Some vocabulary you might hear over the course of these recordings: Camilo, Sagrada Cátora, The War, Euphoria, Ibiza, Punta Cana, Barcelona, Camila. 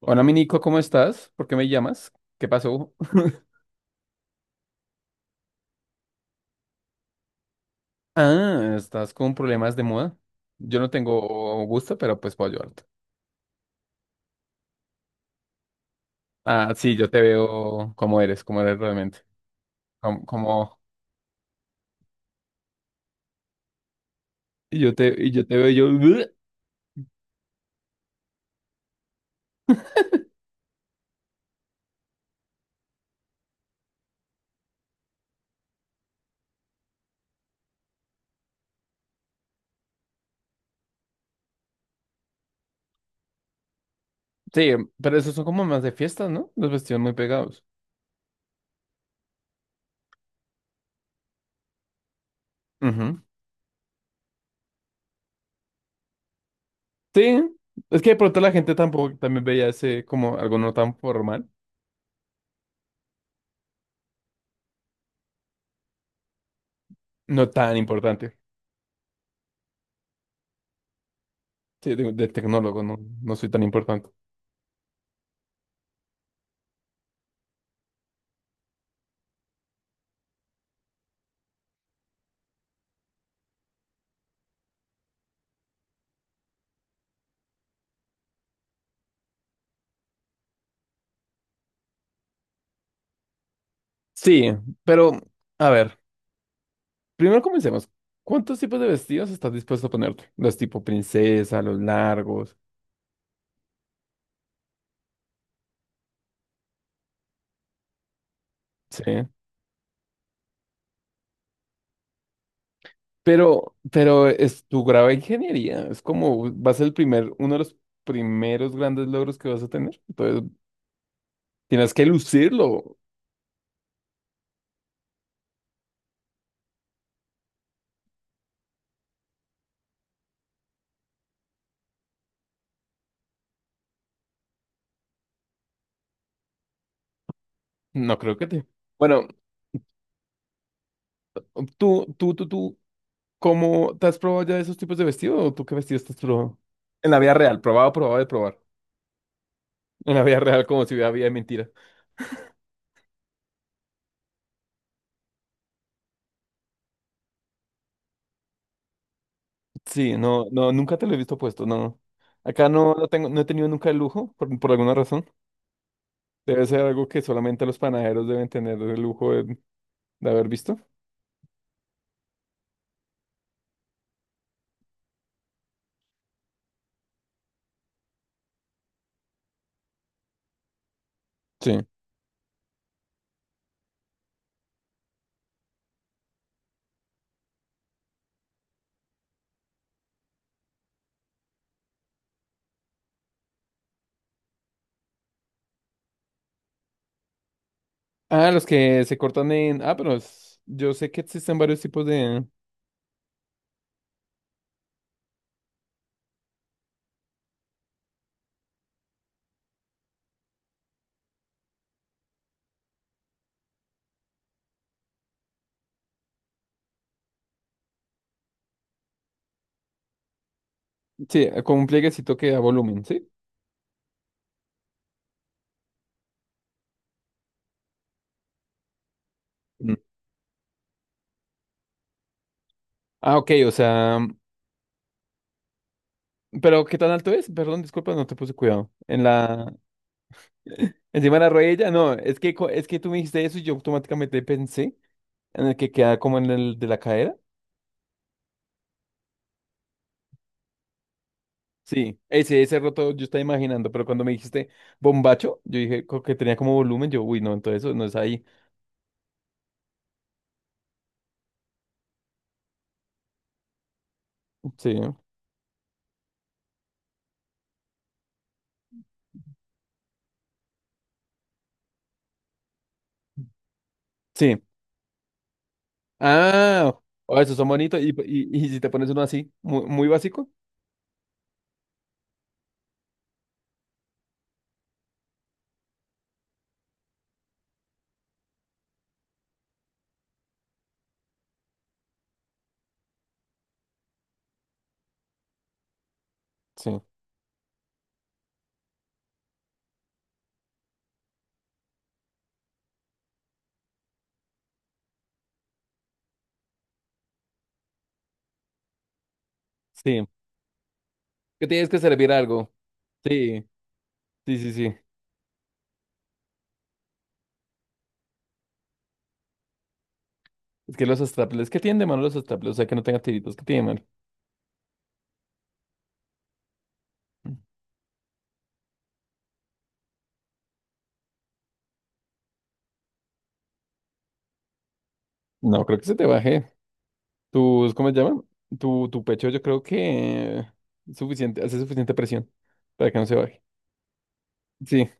Hola, mi Nico, ¿cómo estás? ¿Por qué me llamas? ¿Qué pasó? Ah, estás con problemas de moda. Yo no tengo gusto, pero pues puedo ayudarte. Ah, sí, yo te veo como eres realmente. Como, como- Y yo te veo yo. "Ugh". Sí, pero esos son como más de fiestas, ¿no? Los vestidos muy pegados. Ujú. Sí, es que de pronto la gente tampoco también veía ese como algo no tan formal, no tan importante. Sí, de tecnólogo, no, no soy tan importante. Sí, pero a ver. Primero comencemos. ¿Cuántos tipos de vestidos estás dispuesto a ponerte? Los tipo princesa, los largos, ¿sí? Pero es tu grado de ingeniería. Es como va a ser el primer, uno de los primeros grandes logros que vas a tener. Entonces, tienes que lucirlo. No creo que te. Bueno, tú, ¿cómo te has probado ya esos tipos de vestidos? ¿O tú qué vestido estás probando? En la vida real, probado, probado de probar. En la vida real, como si hubiera vida de mentira. Sí, no, no, nunca te lo he visto puesto, no. Acá no, no tengo, no he tenido nunca el lujo, por alguna razón. Debe ser algo que solamente los panaderos deben tener el lujo de haber visto. Sí. Ah, los que se cortan en. Ah, pero es- yo sé que existen varios tipos de. Sí, con un plieguecito que da volumen, ¿sí? Mm. Ah, ok, o sea. Pero ¿qué tan alto es? Perdón, disculpa, no te puse cuidado. En la. Encima de la rodilla, no, es que, co- es que tú me dijiste eso y yo automáticamente pensé en el que queda como en el de la cadera. Sí, ese roto yo estaba imaginando, pero cuando me dijiste bombacho, yo dije co- que tenía como volumen, yo, uy, no, entonces eso no es ahí. Sí, sí. Ah, oh, esos son bonitos. Y si te pones uno así, muy, muy básico. Sí, sí. Que tienes que servir algo. Sí, sí, sí, sí. es que los straples, ¿qué tienen de malo los straples? O sea, que no tengan tiritos, ¿qué tienen de malo? No, creo que se te baje. Tus, ¿cómo se llama? Tu pecho, yo creo que suficiente, hace suficiente presión para que no se baje. Sí.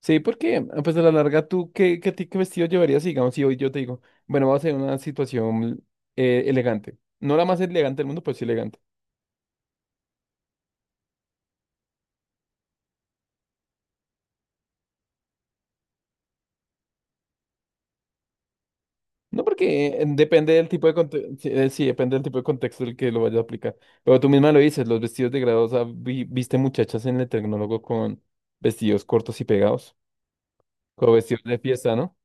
Sí, porque pues a la larga, ¿tú qué vestido llevarías? Digamos, si hoy yo te digo, bueno, vamos a hacer una situación elegante. No la más elegante del mundo, pero sí elegante. No, porque depende del tipo de contexto, sí, sí, depende del tipo de contexto el que lo vayas a aplicar. Pero tú misma lo dices, los vestidos degradados, ah, vi- viste muchachas en el tecnólogo con vestidos cortos y pegados, con vestidos de fiesta, ¿no?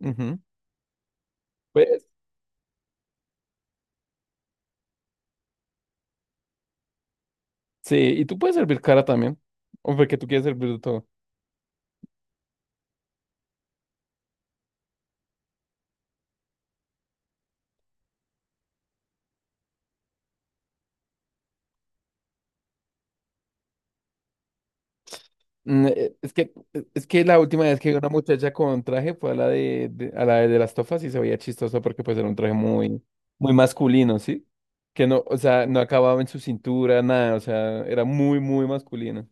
Ujú. Pues, sí, y tú puedes servir cara también, o porque tú quieres servir todo. Mm, es que, es que la última vez que vi una muchacha con traje fue a a la de, las tofas y se veía chistoso porque pues era un traje muy, muy masculino, ¿sí? Que no, o sea, no acababa en su cintura, nada, o sea, era muy, muy masculino.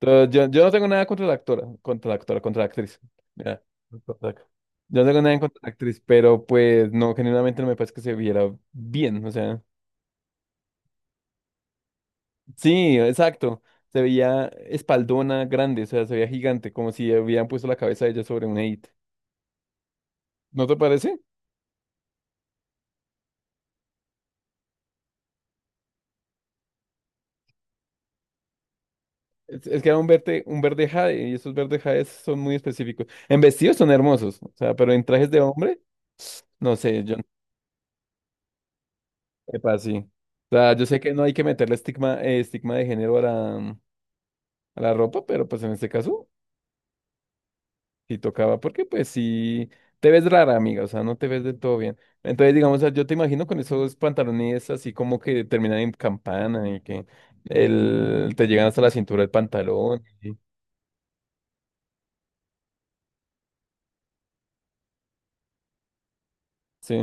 Entonces, yo no tengo nada contra la actora, contra la actora, contra la actriz. Mira, contra la- yo no tengo nada en contra de la actriz, pero pues no, genuinamente no me parece que se viera bien, o sea. Sí, exacto. Se veía espaldona grande, o sea, se veía gigante, como si hubieran puesto la cabeza de ella sobre un edit. ¿No te parece? Es que era un verde jade, y esos verdes jades son muy específicos. En vestidos son hermosos, o sea, pero en trajes de hombre, no sé, yo no sepa sí. O sea, yo sé que no hay que meterle estigma, estigma de género a la ropa, pero pues en este caso. Sí tocaba, porque pues sí, te ves rara, amiga, o sea, no te ves del todo bien. Entonces, digamos, o sea, yo te imagino con esos pantalones así como que terminan en campana y que el, te llegan hasta la cintura del pantalón. Y- Sí,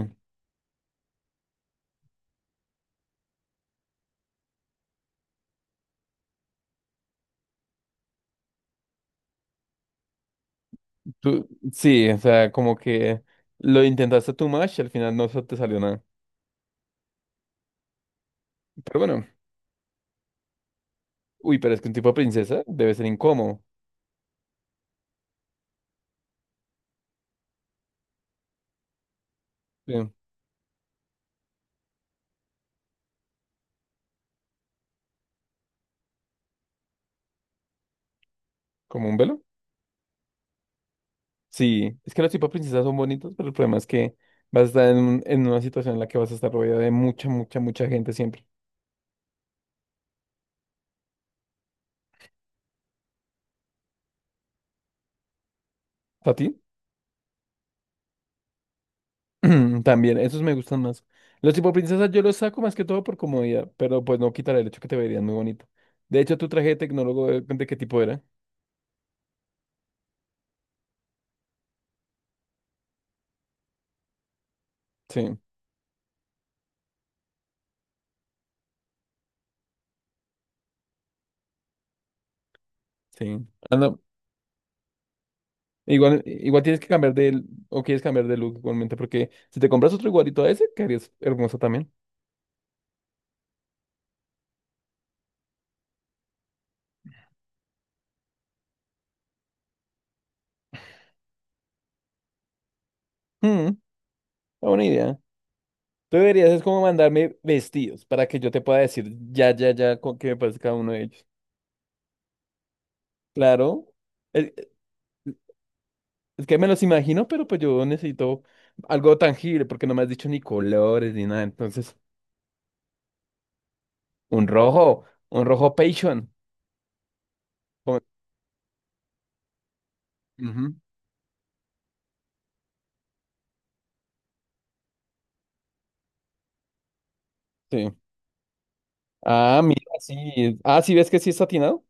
tú, sí, o sea, como que lo intentaste too much y al final no se te salió nada. Pero bueno, uy, pero es que un tipo de princesa debe ser incómodo. Sí, ¿Como un velo? Sí, es que los tipos de princesas son bonitos, pero el problema es que vas a estar en, un- en una situación en la que vas a estar rodeada de mucha, mucha, mucha gente siempre. ¿A ti? También, esos me gustan más. Los tipo princesas yo los saco más que todo por comodidad, pero pues no quitaré el hecho que te verían muy bonito. De hecho, tu traje de tecnólogo, ¿de qué tipo era? Sí, sí. Ah, no, igual, igual tienes que cambiar de, o quieres cambiar de look igualmente, porque si te compras otro igualito a ese, quedarías hermoso también. Hmm, está buena idea. Tú deberías es como mandarme vestidos para que yo te pueda decir ya, ya, ya, con qué me parece cada uno de ellos. Claro. Es- Es que me los imagino, pero pues yo necesito algo tangible, porque no me has dicho ni colores ni nada. Entonces, un rojo Passion. Con- Ujú, sí. Ah, mira, sí. Ah, sí, ¿ves que sí es satinado?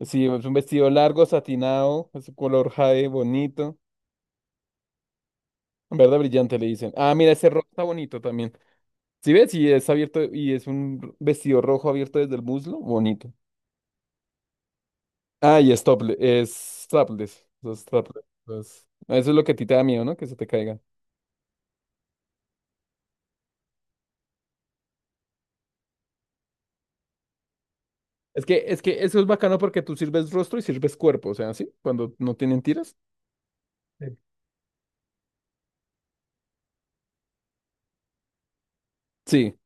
Sí, es un vestido largo, satinado, es un color jade bonito. Verde brillante le dicen. Ah, mira, ese rojo está bonito también. ¿Sí ves? Y es abierto y es un vestido rojo abierto desde el muslo. Bonito. Ah, y es tople, es strapless. Los strapless. Eso es lo que a ti te da miedo, ¿no? Que se te caiga. Es que eso es bacano porque tú sirves rostro y sirves cuerpo, o sea, ¿sí? Cuando no tienen tiras. Sí. Sí,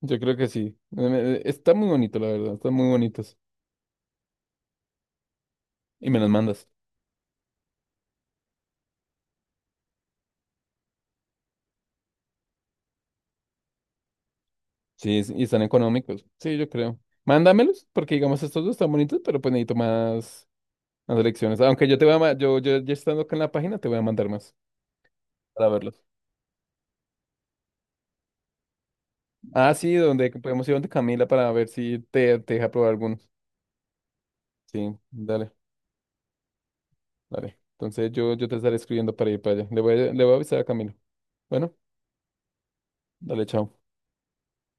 yo creo que sí. Está muy bonito, la verdad, están muy bonitos. Y me los mandas. Sí, es- y están económicos. Sí, yo creo. Mándamelos, porque digamos estos dos están bonitos, pero pues necesito más, más elecciones. Aunque yo te voy a, ma- yo ya estando acá en la página, te voy a mandar más para verlos. Ah, sí, donde podemos ir donde Camila para ver si te, te deja probar algunos. Sí, dale. Dale. Entonces yo te estaré escribiendo para ir para allá. Le voy a avisar a Camilo. Bueno, dale, chao.